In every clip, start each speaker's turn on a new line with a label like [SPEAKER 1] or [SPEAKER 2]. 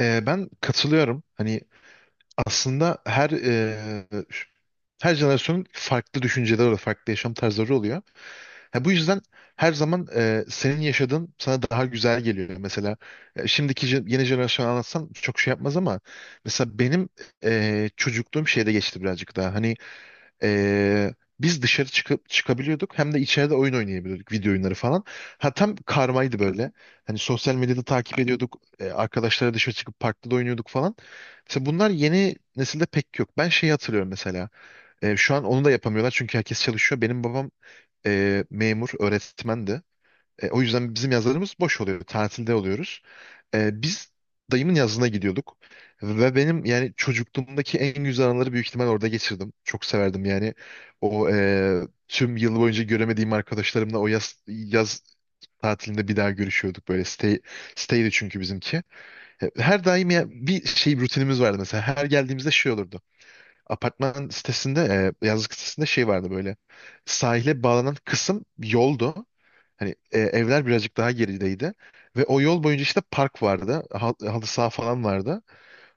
[SPEAKER 1] Ben katılıyorum. Hani aslında her her jenerasyonun farklı düşünceleri oluyor, farklı yaşam tarzları oluyor. Ha, bu yüzden her zaman senin yaşadığın sana daha güzel geliyor. Mesela yeni jenerasyonu anlatsam çok şey yapmaz ama mesela benim çocukluğum şeyde geçti birazcık daha. Hani ee, biz dışarı çıkıp çıkabiliyorduk hem de içeride oyun oynayabiliyorduk video oyunları falan. Ha, tam karmaydı böyle. Hani sosyal medyada takip ediyorduk. Arkadaşlara dışarı çıkıp parkta da oynuyorduk falan. Mesela bunlar yeni nesilde pek yok. Ben şeyi hatırlıyorum mesela. Şu an onu da yapamıyorlar çünkü herkes çalışıyor. Benim babam memur, öğretmendi. O yüzden bizim yazlarımız boş oluyor. Tatilde oluyoruz. Biz dayımın yazlığına gidiyorduk. Ve benim yani çocukluğumdaki en güzel anıları büyük ihtimal orada geçirdim. Çok severdim yani. O e, Tüm yıl boyunca göremediğim arkadaşlarımla o yaz tatilinde bir daha görüşüyorduk böyle. Stay'di çünkü bizimki. Her daim ya bir şey rutinimiz vardı mesela. Her geldiğimizde şey olurdu. Apartman sitesinde, yazlık sitesinde şey vardı böyle. Sahile bağlanan kısım yoldu. Hani evler birazcık daha gerideydi. Ve o yol boyunca işte park vardı. Halı saha falan vardı.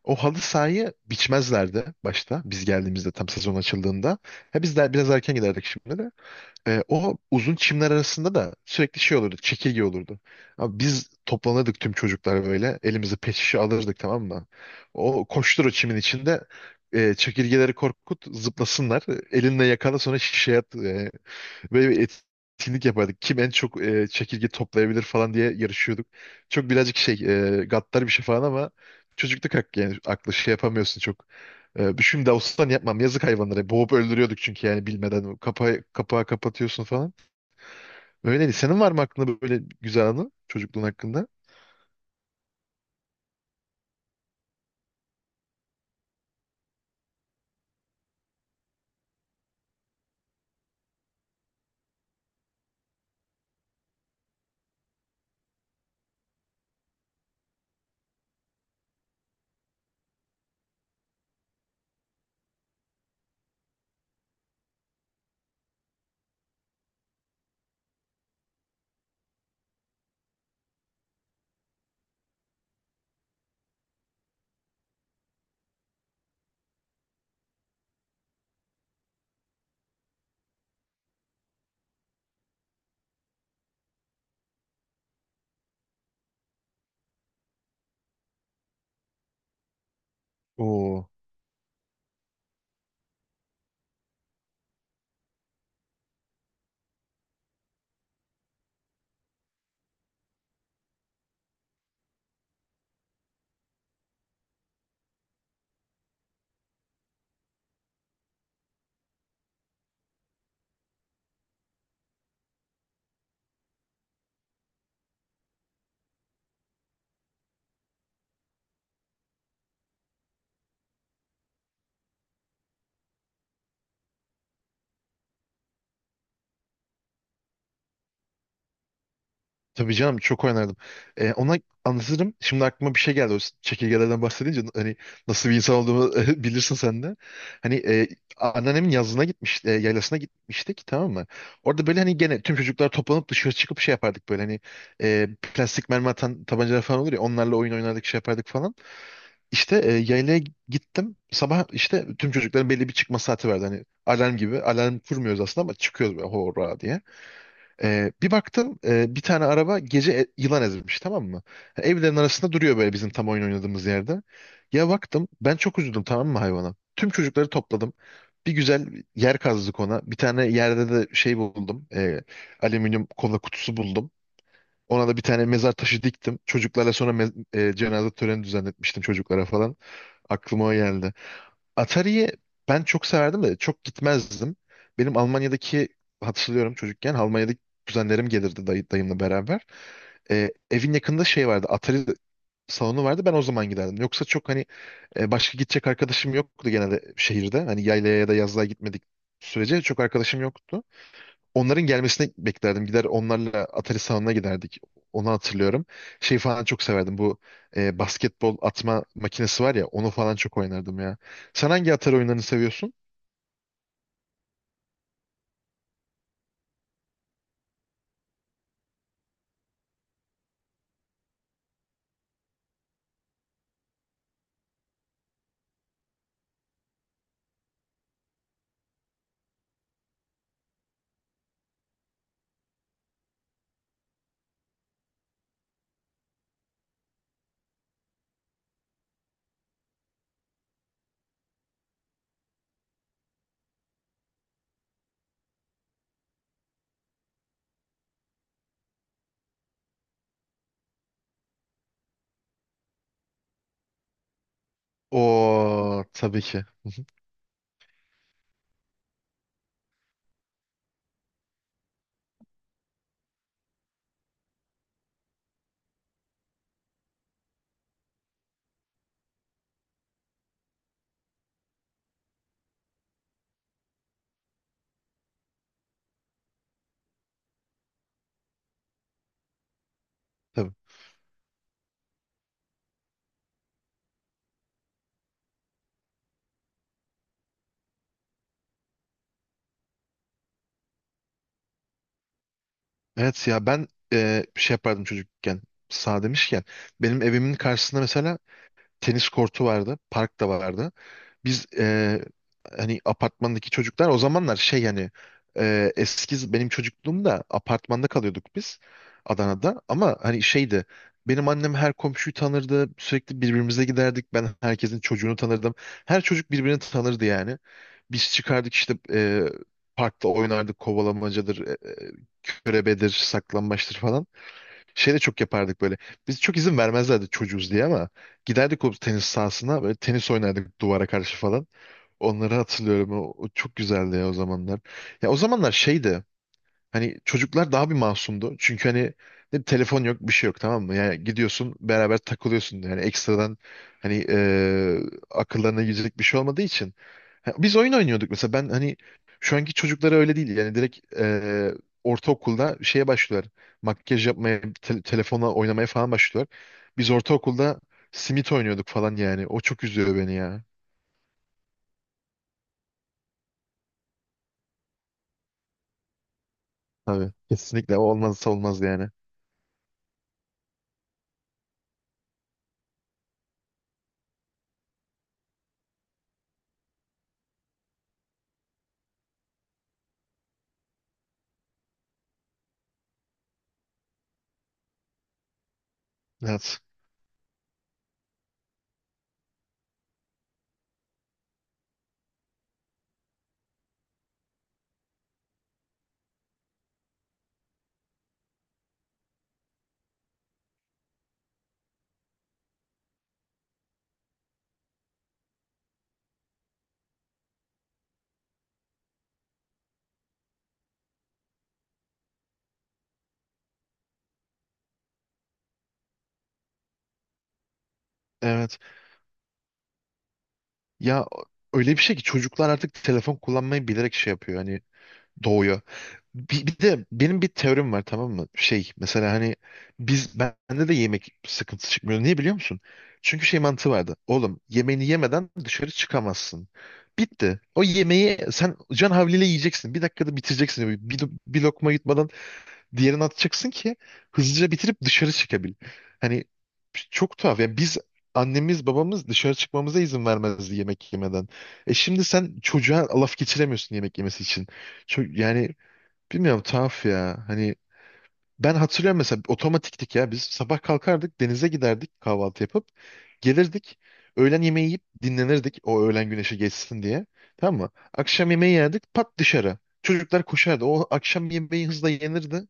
[SPEAKER 1] O halı sahayı biçmezlerdi başta. Biz geldiğimizde tam sezon açıldığında. Ha, biz de biraz erken giderdik şimdi de. O uzun çimler arasında da sürekli şey olurdu. Çekirge olurdu. Abi biz toplanırdık tüm çocuklar böyle. Elimize pet şişe alırdık, tamam mı? O koştur o çimin içinde. Çekirgeleri korkut zıplasınlar. Elinle yakala sonra şişeye at. Böyle bir etkinlik yapardık. Kim en çok çekirge toplayabilir falan diye yarışıyorduk. Çok birazcık şey gaddar bir şey falan ama çocukluk hakkı yani aklı şey yapamıyorsun çok. Şimdi olsan yapmam, yazık hayvanlara. Boğup öldürüyorduk çünkü yani bilmeden kapağı kapatıyorsun falan. Öyleydi. Senin var mı aklında böyle güzel anı çocukluğun hakkında? Oo. Tabii canım, çok oynardım. Ona anlatırım. Şimdi aklıma bir şey geldi. O çekirgelerden bahsedince hani nasıl bir insan olduğumu bilirsin sen de. Hani anneannemin yazlığına gitmiş, e, yaylasına gitmiştik, tamam mı? Orada böyle hani gene tüm çocuklar toplanıp dışarı çıkıp şey yapardık böyle hani e, plastik mermi atan tabancalar falan olur ya, onlarla oyun oynardık şey yapardık falan. İşte yaylaya gittim. Sabah işte tüm çocukların belli bir çıkma saati vardı. Hani alarm gibi. Alarm kurmuyoruz aslında ama çıkıyoruz böyle horra diye. Bir baktım bir tane araba gece yılan ezmiş, tamam mı? Evlerin arasında duruyor böyle bizim tam oyun oynadığımız yerde. Ya baktım ben çok üzüldüm, tamam mı, hayvana? Tüm çocukları topladım. Bir güzel yer kazdık ona. Bir tane yerde de şey buldum. Alüminyum kola kutusu buldum. Ona da bir tane mezar taşı diktim. Çocuklarla sonra cenaze töreni düzenletmiştim çocuklara falan. Aklıma o geldi. Atari'ye ben çok severdim de çok gitmezdim. Benim Almanya'daki hatırlıyorum, çocukken Almanya'daki kuzenlerim gelirdi dayımla beraber. Evin yakında şey vardı, Atari salonu vardı, ben o zaman giderdim. Yoksa çok hani başka gidecek arkadaşım yoktu genelde şehirde. Hani yaylaya ya da yazlığa gitmedik sürece çok arkadaşım yoktu. Onların gelmesini beklerdim. Gider onlarla Atari salonuna giderdik. Onu hatırlıyorum. Şey falan çok severdim. Bu basketbol atma makinesi var ya, onu falan çok oynardım ya. Sen hangi Atari oyunlarını seviyorsun? O tabii ki. Tabii. Evet ya ben şey yapardım çocukken. Sağ demişken benim evimin karşısında mesela tenis kortu vardı. Park da vardı. Biz hani apartmandaki çocuklar o zamanlar şey hani eski benim çocukluğumda apartmanda kalıyorduk biz Adana'da. Ama hani şeydi, benim annem her komşuyu tanırdı. Sürekli birbirimize giderdik. Ben herkesin çocuğunu tanırdım. Her çocuk birbirini tanırdı yani. Biz çıkardık işte parkta oynardık kovalamacadır, körebedir, saklambaçtır falan. Şey de çok yapardık böyle. Biz çok izin vermezlerdi çocuğuz diye ama giderdik o tenis sahasına, böyle tenis oynardık duvara karşı falan. Onları hatırlıyorum. O çok güzeldi ya o zamanlar. Ya o zamanlar şeydi. Hani çocuklar daha bir masumdu. Çünkü hani ne telefon yok bir şey yok, tamam mı? Yani gidiyorsun beraber takılıyorsun. Yani ekstradan hani akıllarına girecek bir şey olmadığı için. Ha, biz oyun oynuyorduk mesela, ben hani şu anki çocuklara öyle değil yani direkt ortaokulda şeye başlıyorlar, makyaj yapmaya telefonla oynamaya falan başlıyorlar. Biz ortaokulda simit oynuyorduk falan yani, o çok üzüyor beni ya. Tabii kesinlikle o olmazsa olmaz yani. Evet, evet ya, öyle bir şey ki çocuklar artık telefon kullanmayı bilerek şey yapıyor hani, doğuyor. Bir de benim bir teorim var, tamam mı? Şey mesela hani biz, bende de yemek sıkıntısı çıkmıyor. Niye biliyor musun? Çünkü şey mantığı vardı. Oğlum, yemeğini yemeden dışarı çıkamazsın. Bitti. O yemeği sen can havliyle yiyeceksin. Bir dakikada bitireceksin. Bir lokma yutmadan diğerini atacaksın ki hızlıca bitirip dışarı çıkabil. Hani çok tuhaf. Yani biz, annemiz babamız dışarı çıkmamıza izin vermezdi yemek yemeden. E şimdi sen çocuğa laf geçiremiyorsun yemek yemesi için. Yani bilmiyorum, tuhaf ya. Hani ben hatırlıyorum mesela, otomatiktik ya. Biz sabah kalkardık, denize giderdik kahvaltı yapıp gelirdik. Öğlen yemeği yiyip dinlenirdik o öğlen güneşi geçsin diye. Tamam mı? Akşam yemeği yerdik, pat dışarı. Çocuklar koşardı. O akşam yemeği hızla yenirdi.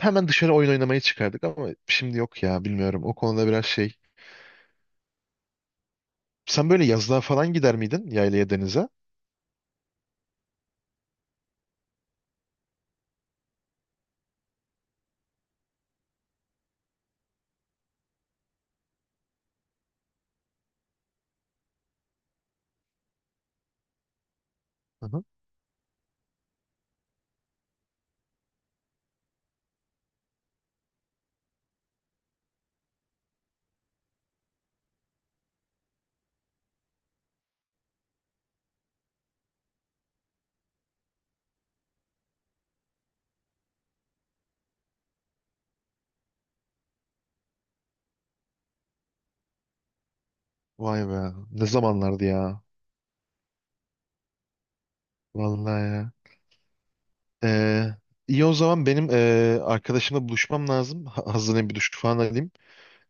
[SPEAKER 1] Hemen dışarı oyun oynamaya çıkardık ama şimdi yok ya, bilmiyorum. O konuda biraz şey, sen böyle yazlığa falan gider miydin? Yaylaya, denize? Hı hı. Vay be. Ne zamanlardı ya. Vallahi ya. Ee, iyi o zaman, benim arkadaşımla buluşmam lazım. Hazırlayayım, bir duş falan alayım.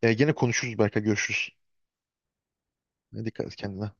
[SPEAKER 1] Gene konuşuruz belki. Görüşürüz. Ne, dikkat et kendine.